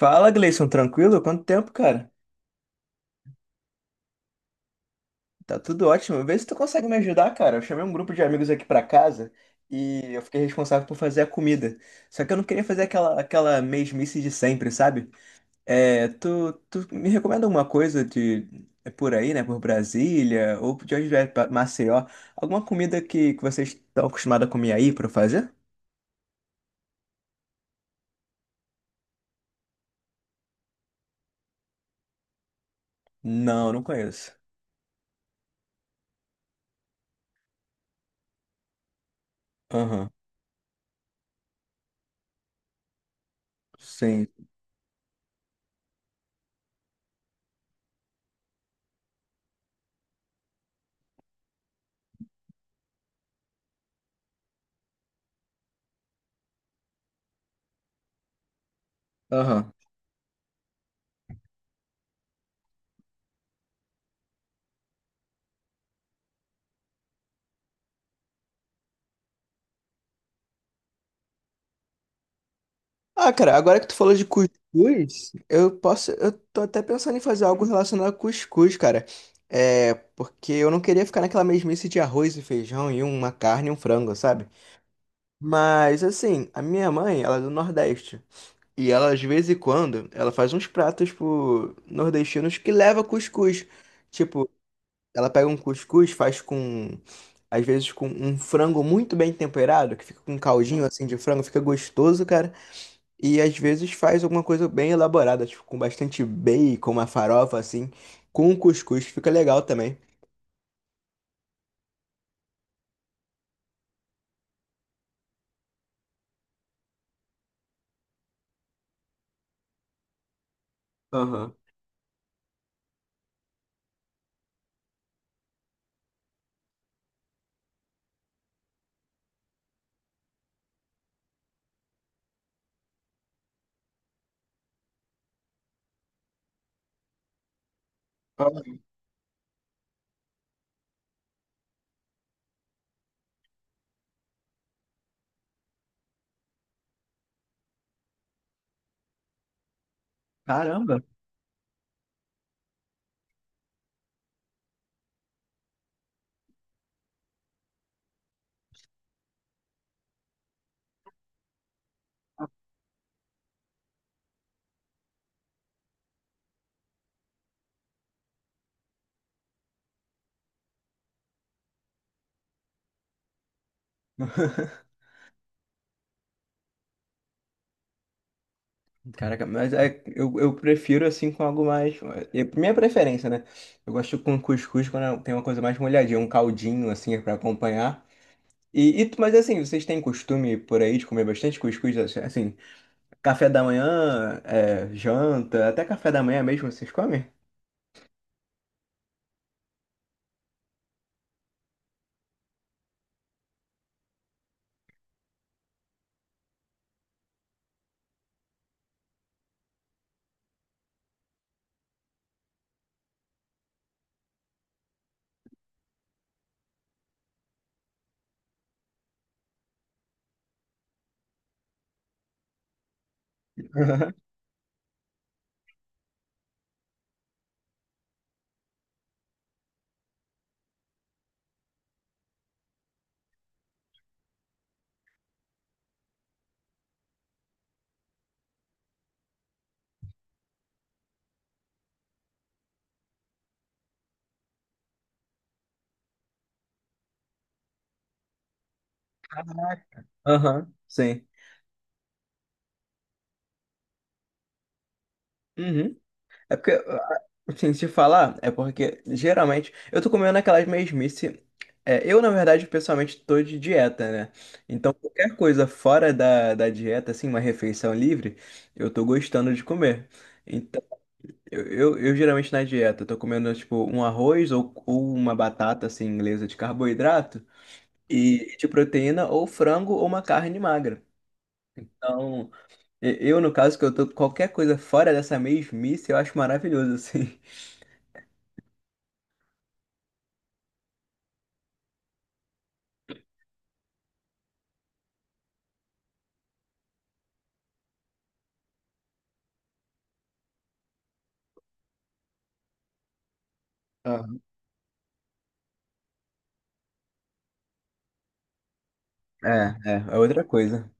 Fala, Gleison, tranquilo? Quanto tempo, cara? Tá tudo ótimo. Vê se tu consegue me ajudar, cara. Eu chamei um grupo de amigos aqui pra casa e eu fiquei responsável por fazer a comida. Só que eu não queria fazer aquela mesmice de sempre, sabe? É, tu me recomenda alguma coisa de é por aí, né? Por Brasília ou de onde vier, pra Maceió? Alguma comida que vocês estão acostumados a comer aí pra eu fazer? Não, não conheço. Aham. Sim. Aham. Ah, cara, agora que tu falou de cuscuz, eu posso, eu tô até pensando em fazer algo relacionado a cuscuz, cara. É, porque eu não queria ficar naquela mesmice de arroz e feijão e uma carne e um frango, sabe? Mas assim, a minha mãe, ela é do Nordeste, e ela de vez em quando, ela faz uns pratos pro nordestinos que leva cuscuz. Tipo, ela pega um cuscuz, faz com às vezes com um frango muito bem temperado, que fica com um caldinho assim de frango, fica gostoso, cara. E às vezes faz alguma coisa bem elaborada, tipo, com bastante bacon, uma farofa assim, com cuscuz, fica legal também. Aham. Ah, caramba! Caraca, mas eu prefiro assim com algo mais. Minha preferência, né? Eu gosto com cuscuz quando tem uma coisa mais molhadinha, um caldinho assim pra acompanhar. E, mas assim, vocês têm costume por aí de comer bastante cuscuz? Assim, café da manhã, é, janta, até café da manhã mesmo vocês comem? Aham. Caraca. Aham, sim. Uhum. É porque, ah, assim, se falar, é porque geralmente eu tô comendo aquelas mesmice. É, eu, na verdade, pessoalmente tô de dieta, né? Então, qualquer coisa fora da dieta, assim, uma refeição livre, eu tô gostando de comer. Então, eu geralmente na dieta, eu tô comendo, tipo, um arroz ou uma batata, assim, inglesa de carboidrato e de proteína, ou frango ou uma carne magra. Então, eu, no caso, que eu tô qualquer coisa fora dessa mesmice, eu acho maravilhoso, assim. É, é outra coisa.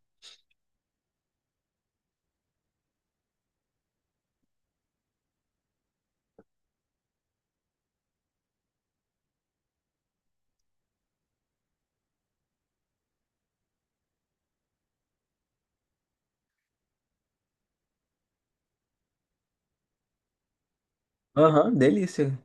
Aham, delícia.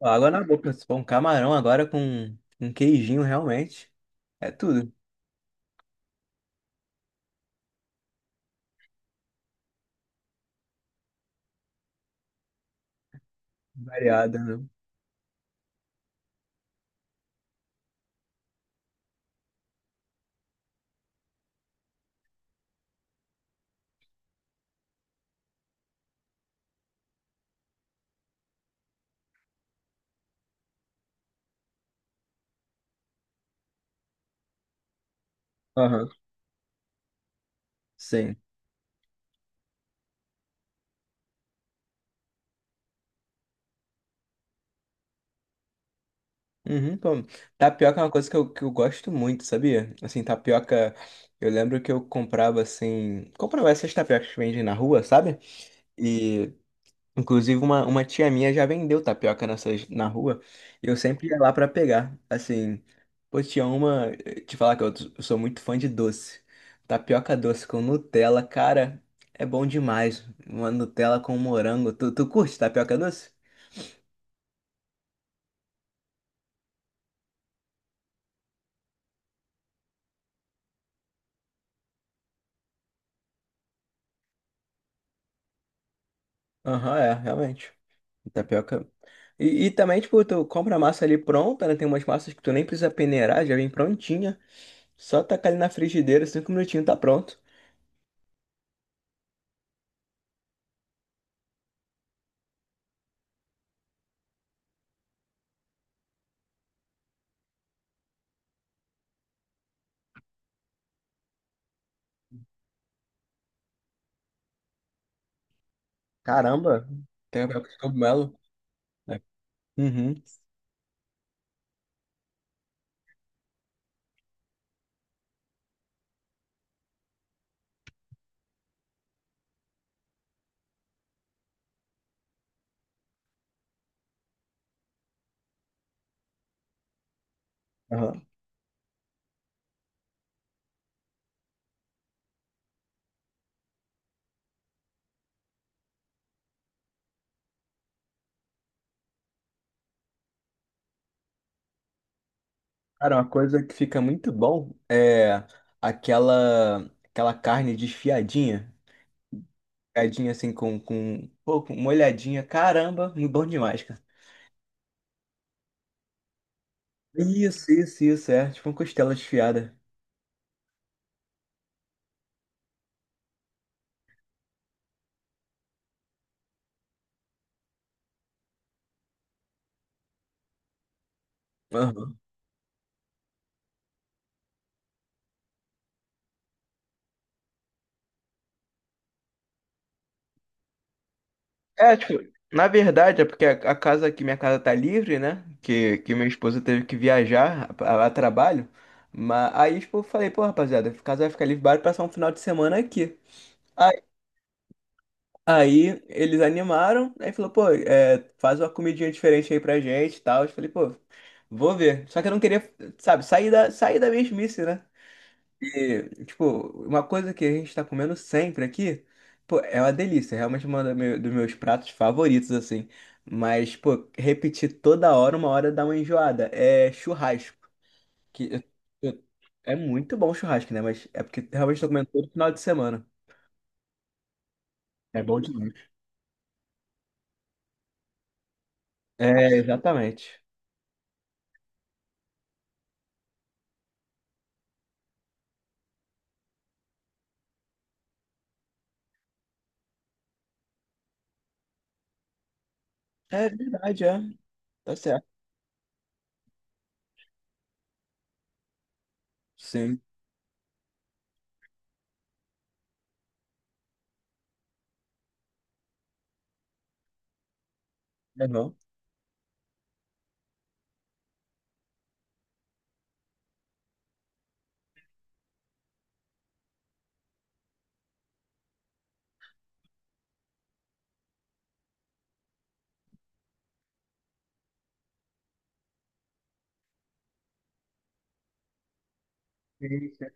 Ó, água na boca. Se for um camarão agora com um queijinho, realmente. É tudo. Variada, né? Aham, sim. Uhum, pô. Tapioca é uma coisa que eu gosto muito, sabia? Assim, tapioca. Eu lembro que eu comprava assim. Comprava essas tapiocas que vendem na rua, sabe? E inclusive, uma tia minha já vendeu tapioca nessas, na rua. E eu sempre ia lá pra pegar. Assim, pô, tinha uma. Te falar que eu sou muito fã de doce. Tapioca doce com Nutella, cara, é bom demais. Uma Nutella com morango. Tu curte tapioca doce? Aham, é, realmente. Tapioca. E também, tipo, tu compra a massa ali pronta, né? Tem umas massas que tu nem precisa peneirar, já vem prontinha. Só tacar ali na frigideira, 5 minutinhos tá pronto. Caramba, tem tapioca de cogumelo. Uhum. Aham. Cara, uma coisa que fica muito bom é aquela carne desfiadinha, desfiadinha assim com, pô, com uma olhadinha. Caramba, muito bom demais, cara. Isso, é, tipo uma costela desfiada. Aham. É, tipo, na verdade é porque a casa aqui minha casa tá livre, né? Que minha esposa teve que viajar a trabalho. Mas aí, tipo, eu falei, pô, rapaziada, a casa vai ficar livre, bora passar um final de semana aqui. Aí eles animaram, aí falou, pô, é, faz uma comidinha diferente aí pra gente e tal. Eu falei, pô, vou ver. Só que eu não queria, sabe, sair sair da mesmice, né? E, tipo, uma coisa que a gente tá comendo sempre aqui, pô, é uma delícia. Realmente um dos meus pratos favoritos, assim. Mas, pô, repetir toda hora, uma hora dá uma enjoada. É churrasco. Que eu- eu- É muito bom churrasco, né? Mas é porque realmente tô comendo todo final de semana. É bom demais. É, exatamente. É verdade, é. Tá certo. Sim. Legal. Sim, sim.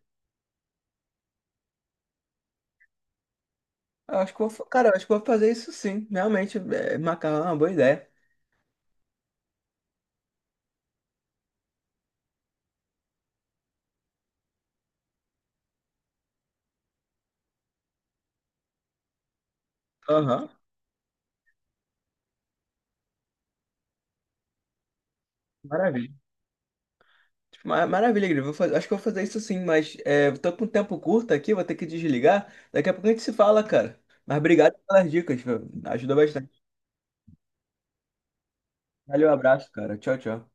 Eu acho que cara, eu acho que vou fazer isso sim. Realmente, é, macarrão é uma boa ideia. Aham. Maravilha. Tipo, maravilha, Igor. Acho que vou fazer isso sim, mas é, tô com um tempo curto aqui, vou ter que desligar. Daqui a pouco a gente se fala, cara. Mas obrigado pelas dicas, viu? Ajudou bastante. Valeu, abraço, cara. Tchau, tchau.